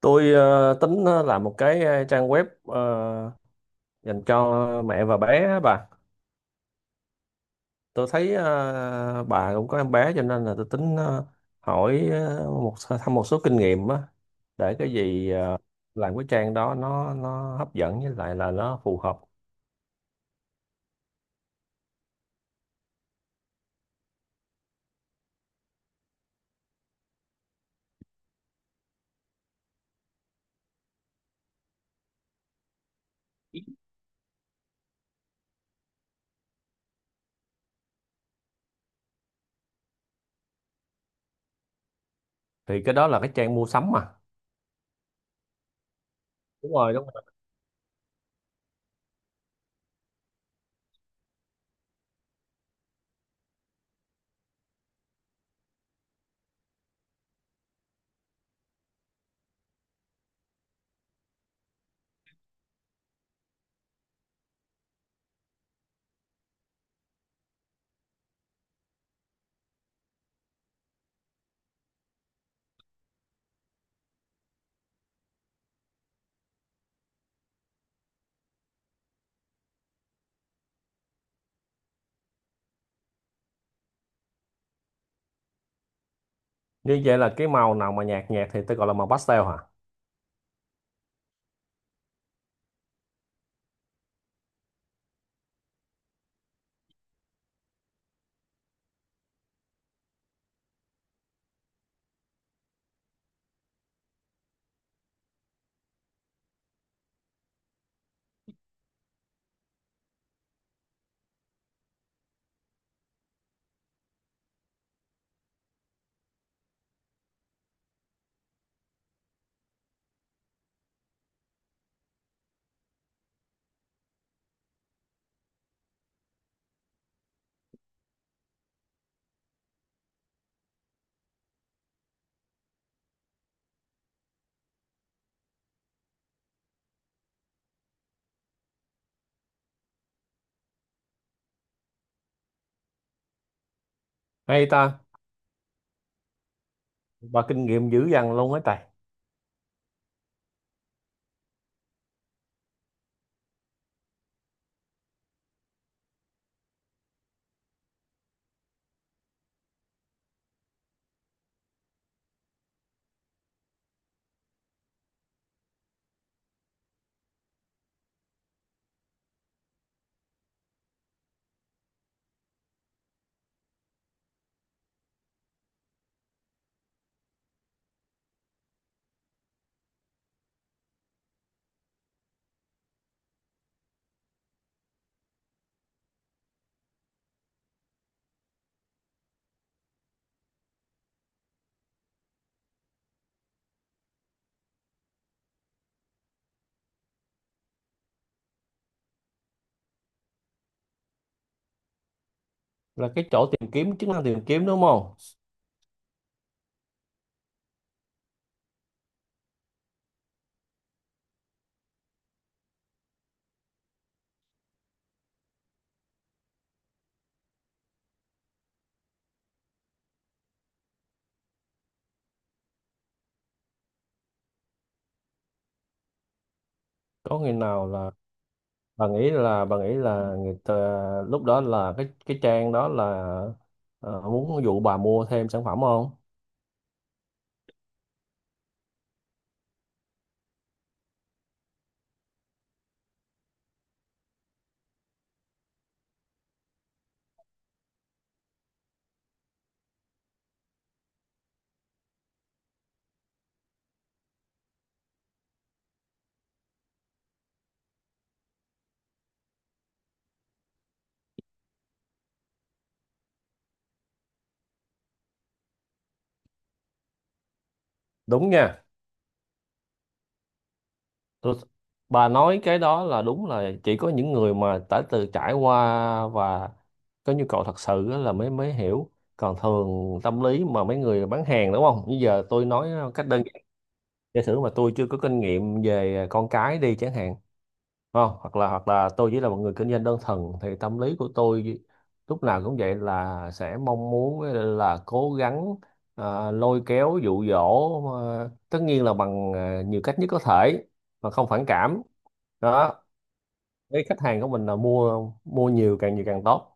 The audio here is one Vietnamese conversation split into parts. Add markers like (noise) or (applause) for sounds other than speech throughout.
Tôi tính làm một cái trang web dành cho mẹ và bé á bà. Tôi thấy bà cũng có em bé cho nên là tôi tính hỏi một thăm một số kinh nghiệm á để cái gì làm cái trang đó nó hấp dẫn với lại là nó phù hợp. Thì cái đó là cái trang mua sắm mà. Đúng rồi, đúng rồi. Như vậy là cái màu nào mà nhạt nhạt thì tôi gọi là màu pastel hả? Hay ta, bà kinh nghiệm dữ dằn luôn ấy trời. Là cái chỗ tìm kiếm, chức năng tìm kiếm đúng không? Có khi nào là bà nghĩ là người ta, lúc đó là cái trang đó là muốn dụ bà mua thêm sản phẩm không đúng nha tôi, bà nói cái đó là đúng là chỉ có những người mà đã từ trải qua và có nhu cầu thật sự á là mới mới hiểu còn thường tâm lý mà mấy người bán hàng đúng không bây giờ tôi nói cách đơn giản giả sử mà tôi chưa có kinh nghiệm về con cái đi chẳng hạn không hoặc là tôi chỉ là một người kinh doanh đơn thuần thì tâm lý của tôi lúc nào cũng vậy là sẽ mong muốn là cố gắng lôi kéo dụ dỗ tất nhiên là bằng nhiều cách nhất có thể mà không phản cảm đó với khách hàng của mình là mua mua nhiều càng tốt.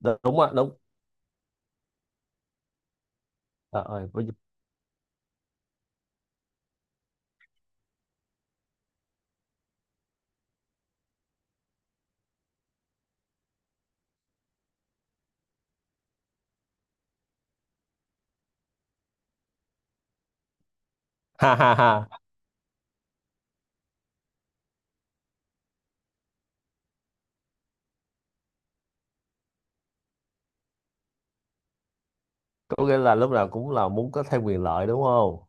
Đúng á, đúng. Trời ơi (laughs) ha ha ha. Có nghĩa là lúc nào cũng là muốn có thêm quyền lợi đúng không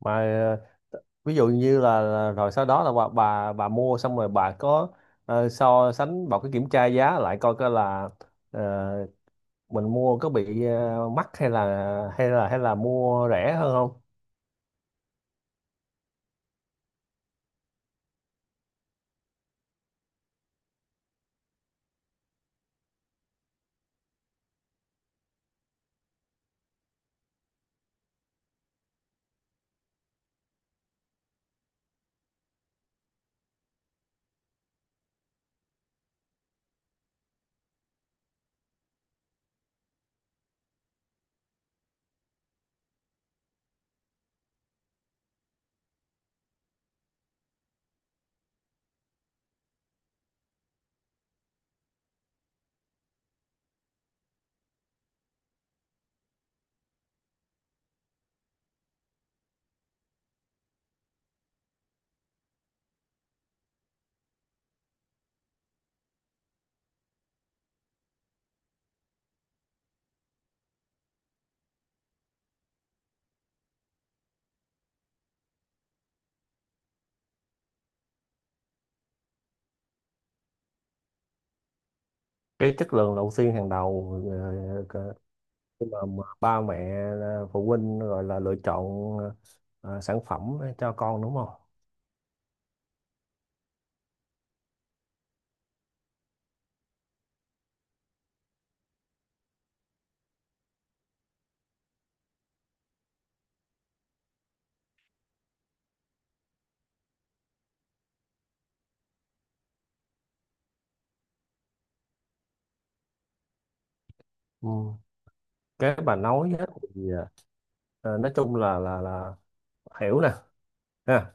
mà ví dụ như là rồi sau đó là bà mua xong rồi bà có so sánh bà có kiểm tra giá lại coi coi là ờ, mình mua có bị mắc hay là hay là mua rẻ hơn không. Cái chất lượng đầu tiên hàng đầu khi mà ba mẹ phụ huynh gọi là lựa chọn sản phẩm cho con đúng không. Ừ. Cái bà nói á thì nói chung là là hiểu nè ha.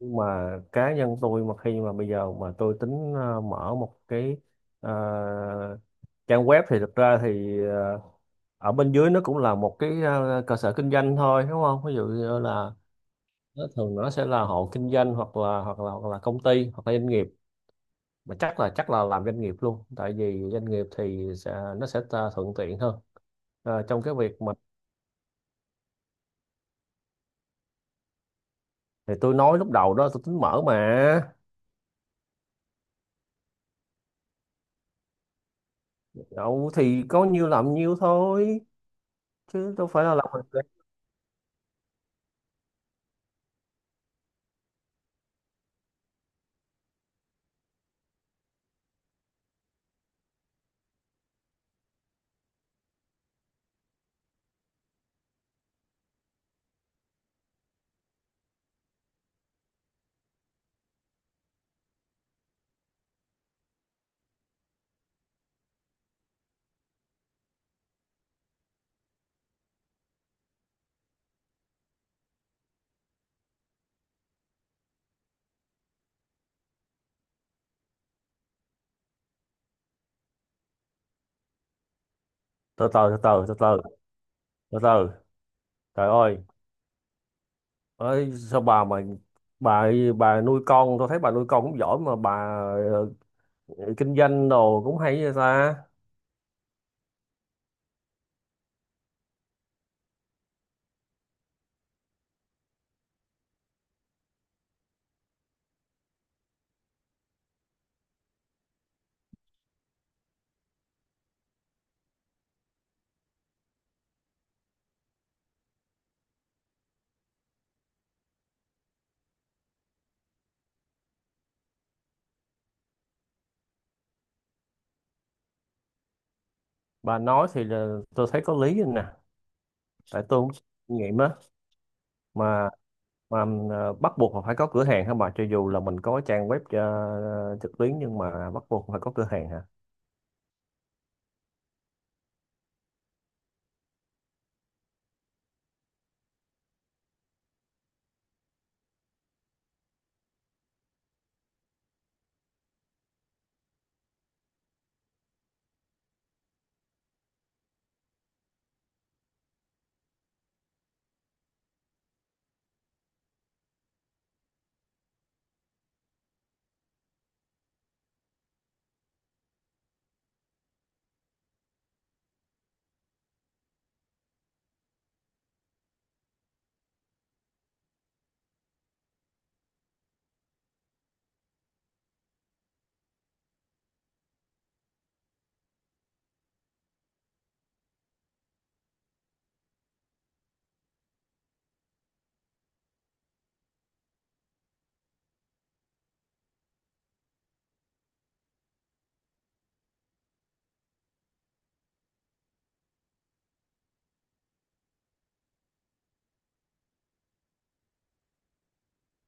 Nhưng mà cá nhân tôi mà khi mà bây giờ mà tôi tính mở một cái ờ, trang web thì thực ra thì ở bên dưới nó cũng là một cái cơ sở kinh doanh thôi đúng không, ví dụ như là nó thường nó sẽ là hộ kinh doanh hoặc là hoặc là công ty hoặc là doanh nghiệp mà chắc là làm doanh nghiệp luôn tại vì doanh nghiệp thì nó sẽ ta thuận tiện hơn. Ờ, trong cái việc mà thì tôi nói lúc đầu đó tôi tính mở mà. Đâu thì có nhiêu làm nhiêu thôi chứ đâu phải là làm. Từ từ từ từ từ từ từ Từ Trời ơi, ấy sao bà mà bà bà nuôi con tôi thấy bà nuôi con cũng giỏi mà bà ờ, kinh doanh đồ cũng hay vậy ta. Bà nói thì là, tôi thấy có lý nè. Tại tôi cũng kinh nghiệm á mà mà bắt buộc là phải có cửa hàng hả bà, cho dù là mình có trang web trực tuyến nhưng mà bắt buộc phải có cửa hàng hả?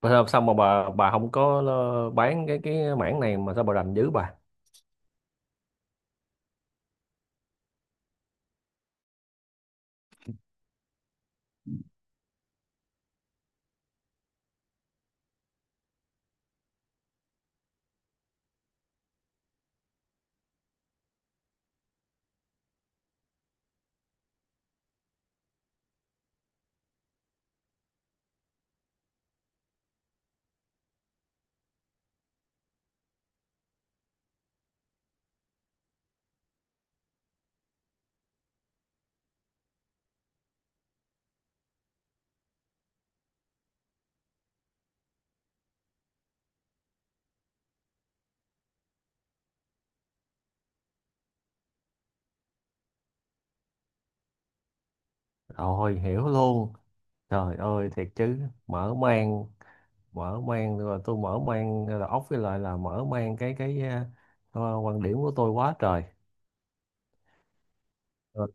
Mà sao sao mà bà không có bán cái mảng này mà sao bà rành dữ bà. Rồi hiểu luôn. Trời ơi thiệt chứ, mở mang, mở mang. Rồi tôi mở mang đầu óc với lại là mở mang cái quan điểm của tôi quá trời. Ờ.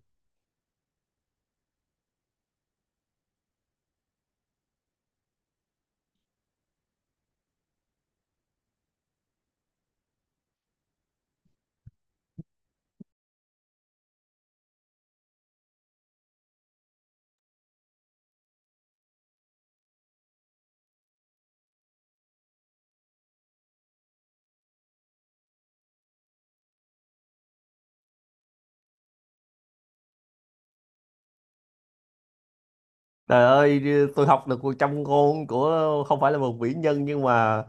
Trời ơi, tôi học được 100 ngôn của không phải là một vĩ nhân nhưng mà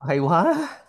hay quá.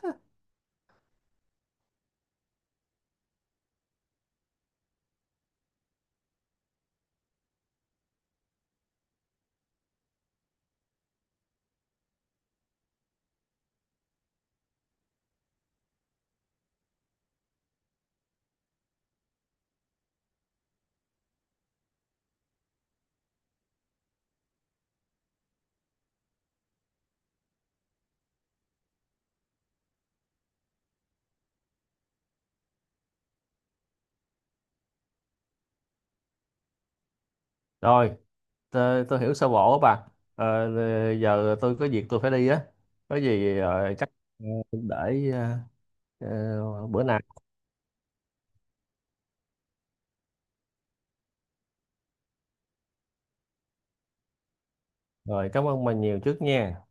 Rồi tôi hiểu sơ bộ á bà. Ờ, giờ tôi có việc tôi phải đi á, có gì chắc ờ, để bữa nào rồi cảm ơn bà nhiều trước nha.